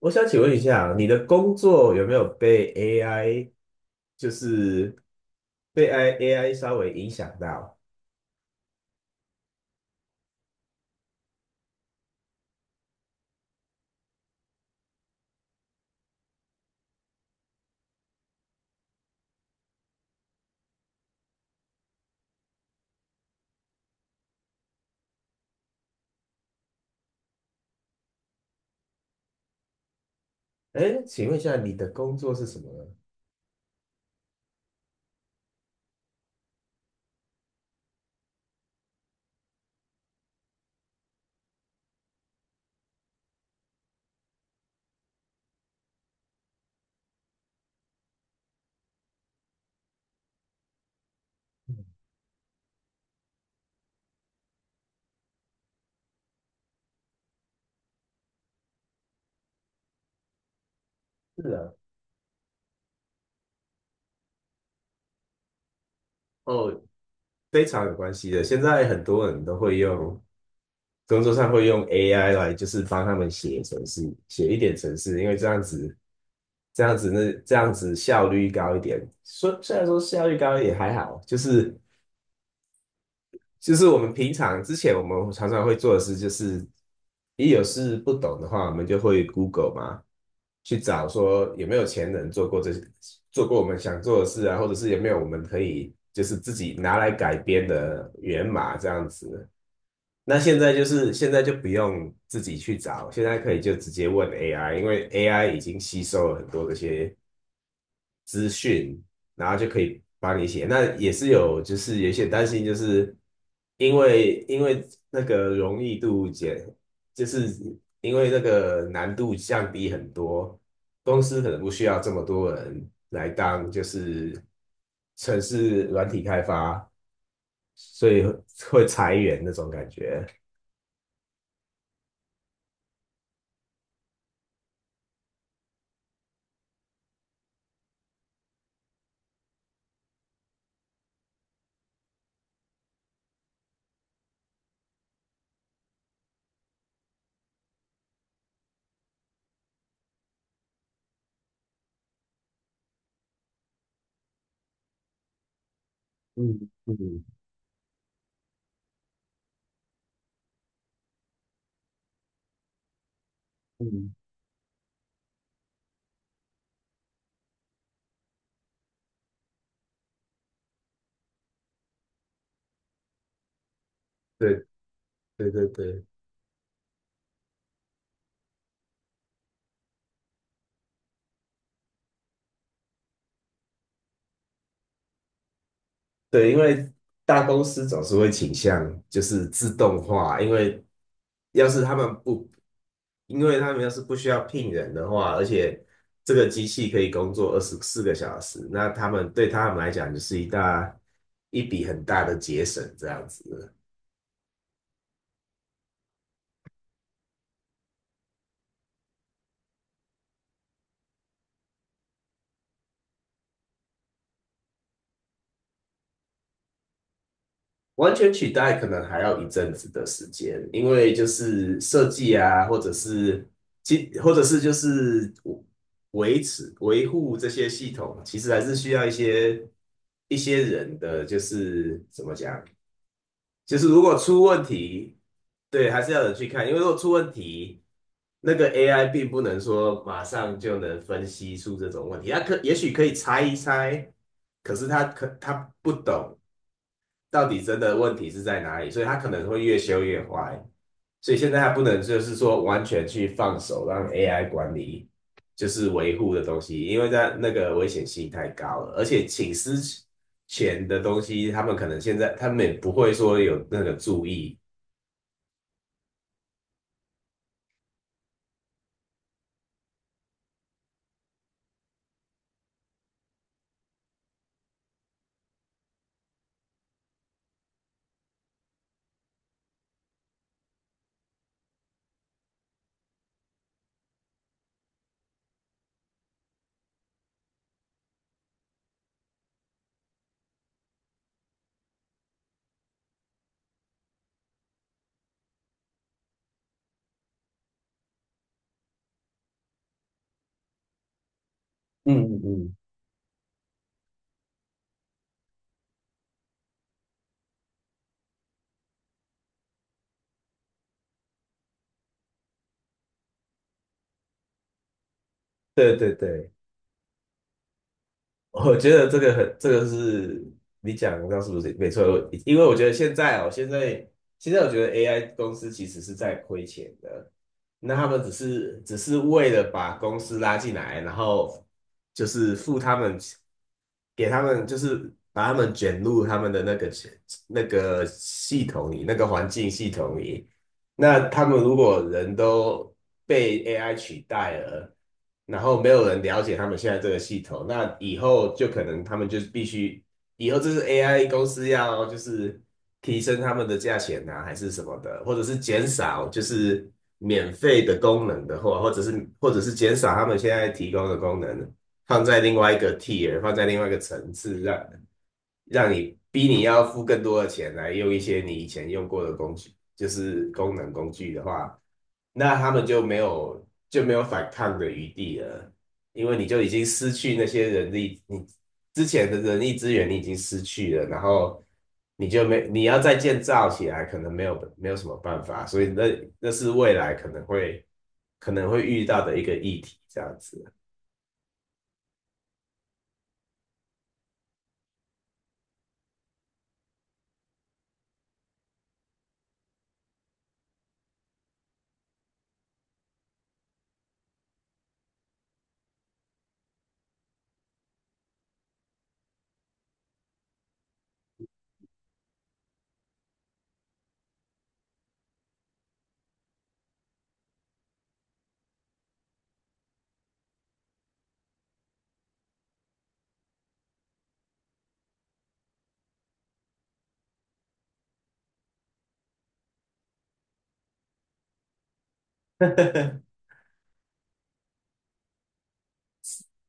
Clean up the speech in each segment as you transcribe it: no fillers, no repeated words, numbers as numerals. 我想请问一下，你的工作有没有被 AI，就是被 AI 稍微影响到？哎，请问一下，你的工作是什么呢？是啊。哦，非常有关系的。现在很多人都会用工作上会用 AI 来，就是帮他们写程式，写一点程式，因为这样子，这样子那这样子效率高一点。说虽然说效率高也还好，就是我们平常之前我们常常会做的事，就是一有事不懂的话，我们就会 Google 嘛，去找说有没有前人做过这些，做过我们想做的事啊，或者是有没有我们可以就是自己拿来改编的源码这样子。那现在就不用自己去找，现在可以就直接问 AI，因为 AI 已经吸收了很多这些资讯，然后就可以帮你写。那也是有，就是有一些担心，就是因为那个容易度减，就是因为那个难度降低很多，公司可能不需要这么多人来当，就是城市软体开发，所以会裁员那种感觉。嗯嗯嗯，对对对对。对，因为大公司总是会倾向就是自动化，因为要是他们不，因为他们要是不需要聘人的话，而且这个机器可以工作24个小时，那他们对他们来讲就是一笔很大的节省，这样子。完全取代可能还要一阵子的时间，因为就是设计啊，或者是就是维持维护这些系统，其实还是需要一些人的，就是怎么讲，就是如果出问题，对，还是要有人去看，因为如果出问题，那个 AI 并不能说马上就能分析出这种问题，它可也许可以猜一猜，可是它不懂。到底真的问题是在哪里，所以它可能会越修越坏。所以现在它不能就是说完全去放手让 AI 管理，就是维护的东西，因为在那个危险性太高了，而且请私钱的东西，他们可能现在他们也不会说有那个注意。嗯嗯嗯，对对对，我觉得这个很，这个是你讲的，是不是没错？我因为我觉得现在哦，现在我觉得 AI 公司其实是在亏钱的，那他们只是为了把公司拉进来，然后就是付他们，给他们就是把他们卷入他们的那个那个系统里，那个环境系统里，那他们如果人都被 AI 取代了，然后没有人了解他们现在这个系统，那以后就可能他们就是必须，以后这是 AI 公司要就是提升他们的价钱啊，还是什么的，或者是减少就是免费的功能的话，或者是减少他们现在提供的功能，放在另外一个 tier，放在另外一个层次，让让你逼你要付更多的钱来用一些你以前用过的工具，就是功能工具的话，那他们就没有反抗的余地了，因为你就已经失去那些人力，你之前的人力资源你已经失去了，然后你就没你要再建造起来，可能没有什么办法，所以那是未来可能会遇到的一个议题，这样子，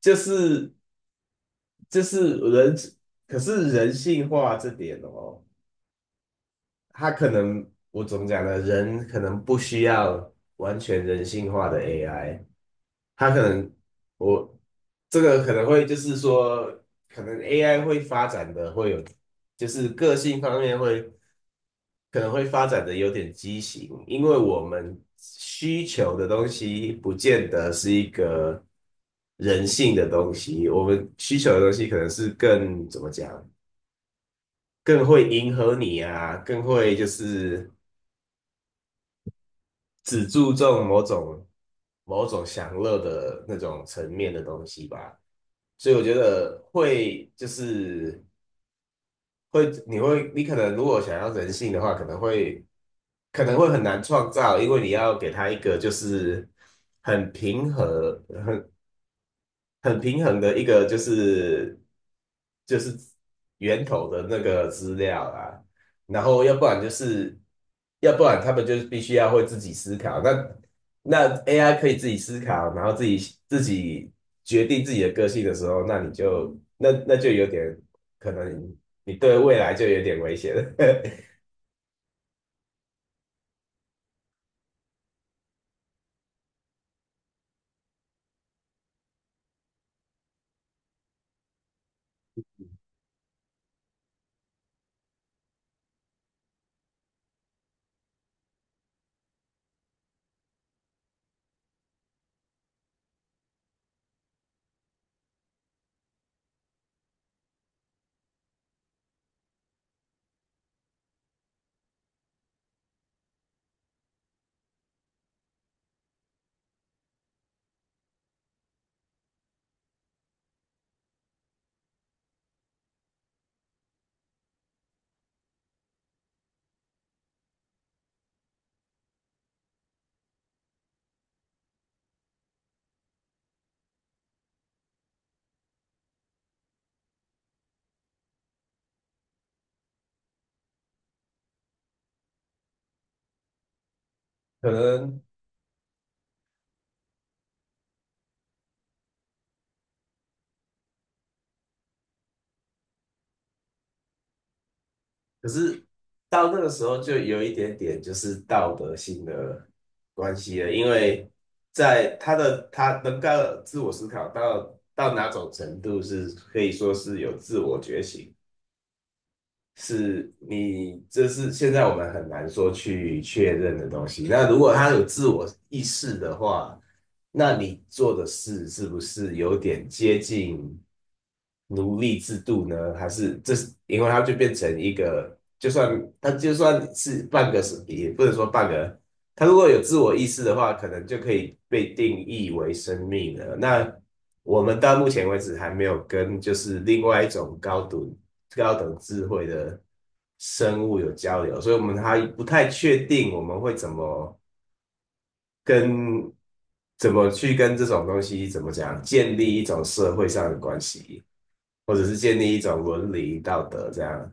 就是人。可是人性化这点哦，他可能我怎么讲呢？人可能不需要完全人性化的 AI，他可能我这个可能会就是说，可能 AI 会发展的会有，就是个性方面会可能会发展的有点畸形，因为我们需求的东西不见得是一个人性的东西，我们需求的东西可能是更怎么讲？更会迎合你啊，更会就是只注重某种享乐的那种层面的东西吧。所以我觉得会就是会，你会你可能如果想要人性的话，可能会很难创造，因为你要给他一个就是很平和，很平衡的一个就是源头的那个资料啦，然后要不然他们就是必须要会自己思考，那 AI 可以自己思考，然后自己决定自己的个性的时候，那你就那就有点可能你对未来就有点危险了，可能可是到那个时候就有一点点就是道德性的关系了，因为在他的他能够自我思考到哪种程度是可以说是有自我觉醒，这是现在我们很难说去确认的东西。那如果他有自我意识的话，那你做的事是不是有点接近奴隶制度呢？还是这是因为它就变成一个，就算它就算是半个是，也不能说半个。他如果有自我意识的话，可能就可以被定义为生命了。那我们到目前为止还没有跟就是另外一种高等智慧的生物有交流，所以我们还不太确定我们会怎么跟怎么去跟这种东西怎么讲建立一种社会上的关系，或者是建立一种伦理道德这样。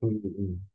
嗯嗯